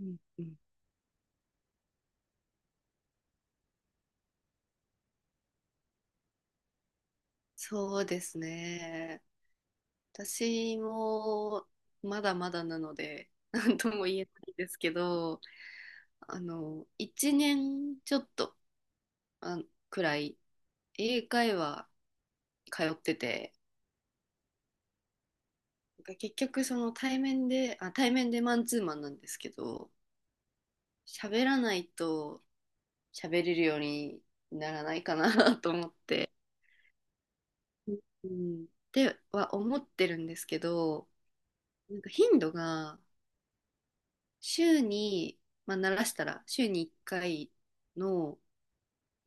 うんうん。そうですね。私もまだまだなので、なんとも言えないですけど、1年ちょっとあくらい英会話通ってて、なんか結局その対面で、対面でマンツーマンなんですけど、喋らないと喋れるようにならないかな と思って、うん、っては思ってるんですけど、なんか頻度が週に、まあ、慣らしたら、週に1回の、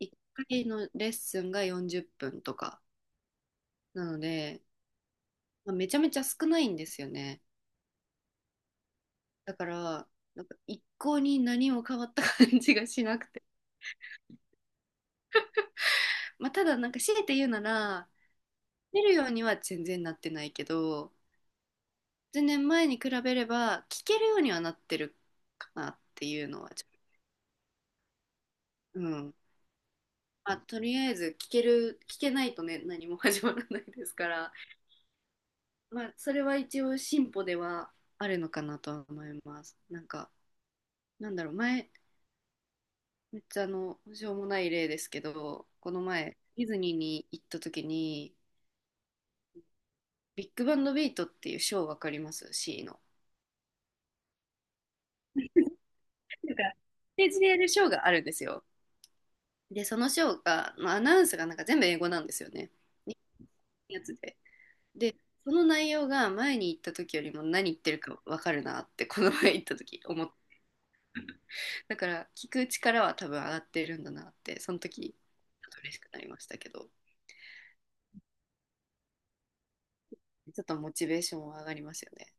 1回のレッスンが40分とか。なので、まあ、めちゃめちゃ少ないんですよね。だから、なんか一向に何も変わった感じがしなくて。まあ、ただ、なんか強いて言うなら、出るようには全然なってないけど、全然前に比べれば、聞けるようにはなってるかなっていうのは、うん。まあ、とりあえず聞けないとね、何も始まらないですから。まあ、それは一応進歩ではあるのかなとは思います。なんだろう、前、めっちゃしょうもない例ですけど、この前、ディズニーに行った時に、ビッグバンドビートっていうショーわかります？ C の。なんか、ステージでやるショーがあるんですよ。で、そのショーが、まあ、アナウンスがなんか全部英語なんですよね。日本のやつで。で、その内容が前に行った時よりも何言ってるかわかるなって、この前行った時思っだから聞く力は多分上がってるんだなってその時ちょっと嬉しくなりましたけど。ちょっとモチベーションは上がりますよね。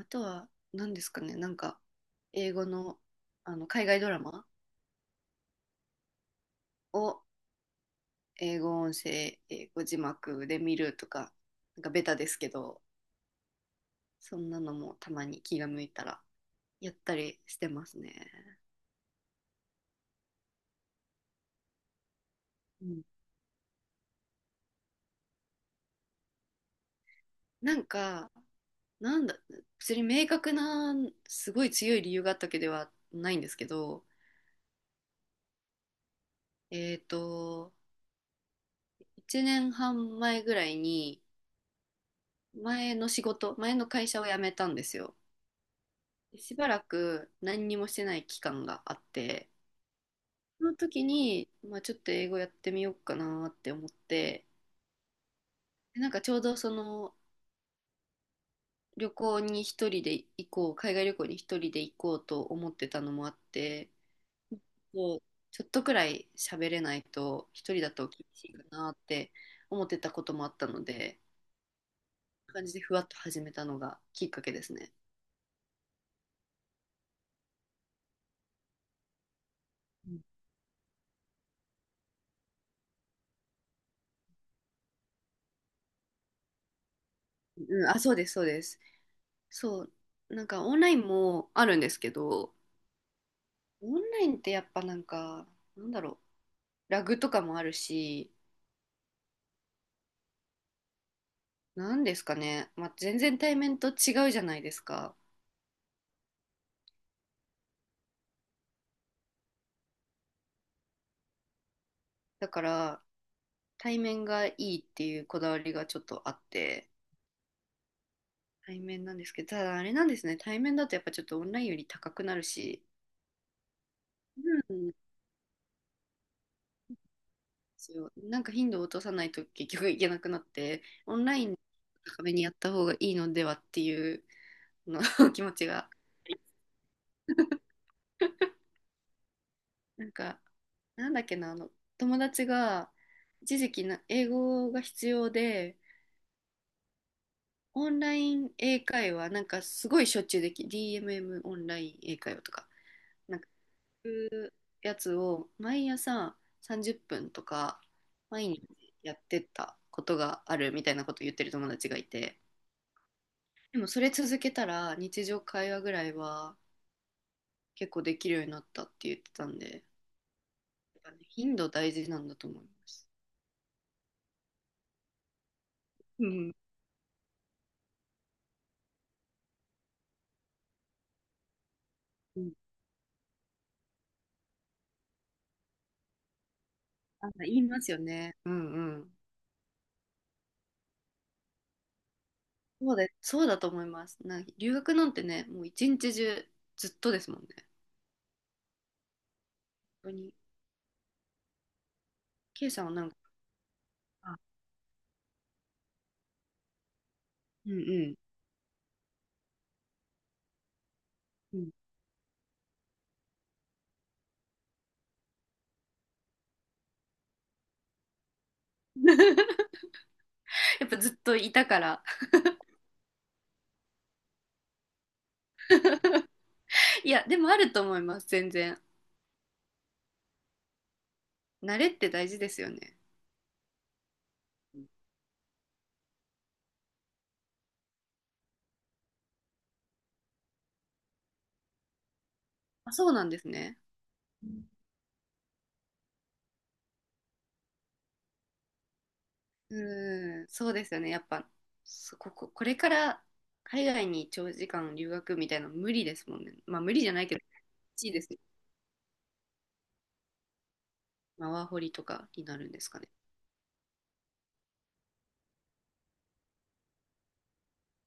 あとは何ですかね。英語の海外ドラマを英語音声英語字幕で見るとか、なんかベタですけど、そんなのもたまに気が向いたらやったりしてますね。うん、なんかなんだ別に明確な、すごい強い理由があったわけではないんですけど、えっ、と1年半前ぐらいに前の仕事前の会社を辞めたんですよ。しばらく何にもしてない期間があって、その時に、まあ、ちょっと英語やってみようかなって思って、でなんかちょうどその旅行に一人で行こう海外旅行に一人で行こうと思ってたのもあって、もうちょっとくらい喋れないと一人だと厳しいかなって思ってたこともあったので、感じでふわっと始めたのがきっかけですね。うん、あ、そうです、そうです。そう、なんかオンラインもあるんですけど、オンラインってやっぱなんか、なんだろう、ラグとかもあるし、なんですかね、まあ、全然対面と違うじゃないですか。だから、対面がいいっていうこだわりがちょっとあって、対面なんですけど、ただあれなんですね、対面だとやっぱちょっとオンラインより高くなるし、うん、そう、なんか頻度を落とさないと結局いけなくなって、オンライン高めにやった方がいいのではっていう。の 気持ちが。なんか、なんだっけな、あの、友達が一時期英語が必要で、オンライン英会話、なんかすごいしょっちゅうでき、DMM オンライン英会話とか、なんかそういうやつを毎朝30分とか、毎日やってたことがあるみたいなことを言ってる友達がいて、でもそれ続けたら日常会話ぐらいは結構できるようになったって言ってたんで、やっぱね頻度大事なんだと思います。うんうん、あ、言いますよね。うんうん。そうで、そうだと思います。なんか留学なんてね、もう一日中ずっとですもんね。本当に、ケイさんはなんか、あ、うんうん。うん。 やっぱずっといたから。いや、でもあると思います、全然。慣れって大事ですよね。あ、そうなんですね。うん、そうですよね。やっぱ、そここ、これから海外に長時間留学みたいなの無理ですもんね。まあ無理じゃないけど、いいですね。まあワーホリとかになるんですかね。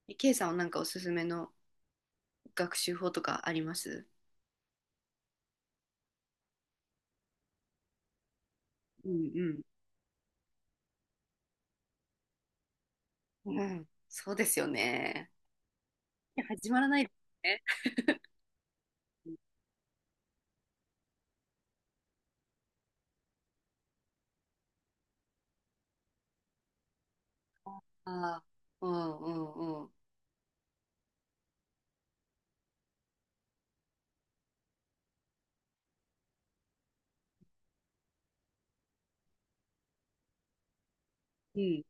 ケ K さんはなんかおすすめの学習法とかあります？うんうん。うん、そうですよね。いや始まらないですね。ああ、うんうんうん。うん。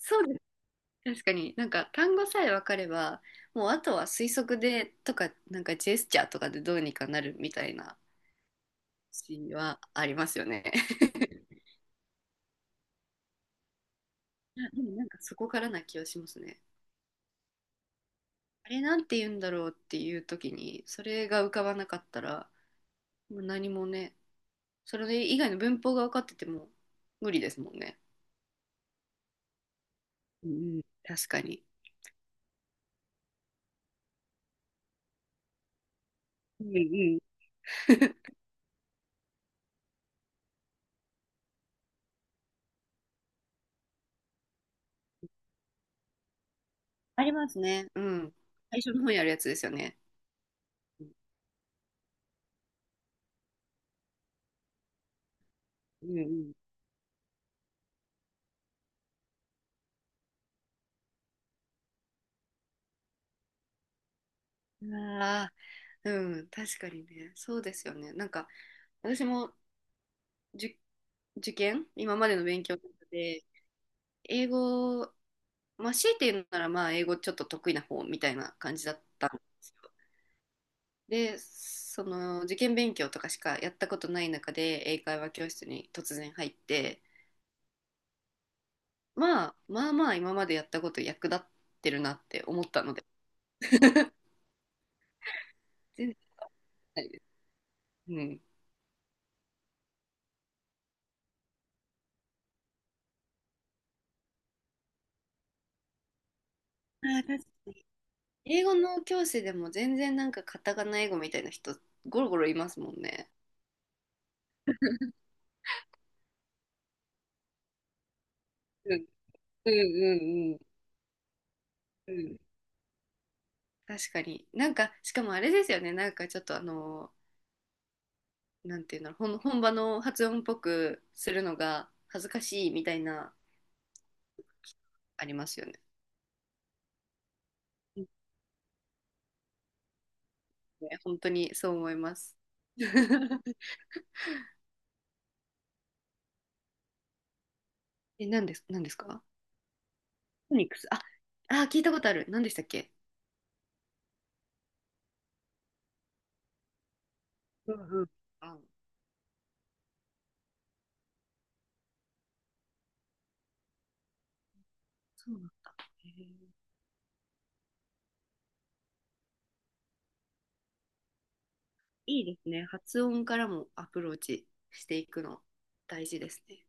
そうです。確かに、なんか単語さえ分かれば、もうあとは推測でとか、なんかジェスチャーとかでどうにかなるみたいなシーンはありますよね。いやでもなんかそこからな気はしますね。あれなんて言うんだろうっていう時に、それが浮かばなかったら、もう何もね、それ以外の文法が分かってても無理ですもんね。うんうん、確かに。うんうん、ありますね。うん。最初の方やるやつですよね。うんうん。ああ、うん、確かにね。そうですよね。なんか、私もじ受験、今までの勉強の中で、英語、まあ、強いて言うなら、まあ、英語ちょっと得意な方みたいな感じだったんですよ。で、その、受験勉強とかしかやったことない中で、英会話教室に突然入って、まあまあまあ今までやったこと役立ってるなって思ったので、 全然ないです、うん、あー確かに英語の教師でも全然なんかカタカナ英語みたいな人ゴロゴロいますもんね。うんうんうんうん、うん、確かに。なんかしかもあれですよね、なんかちょっとあのなんていうの本場の発音っぽくするのが恥ずかしいみたいなありますよね。うん、ね、本当にそう思います。え、なんですか？フォニックス。あ、あ、聞いたことある。何でしたっけ？うんうん。あ、そうなんだ。へえ、いいですね。発音からもアプローチしていくの大事ですね。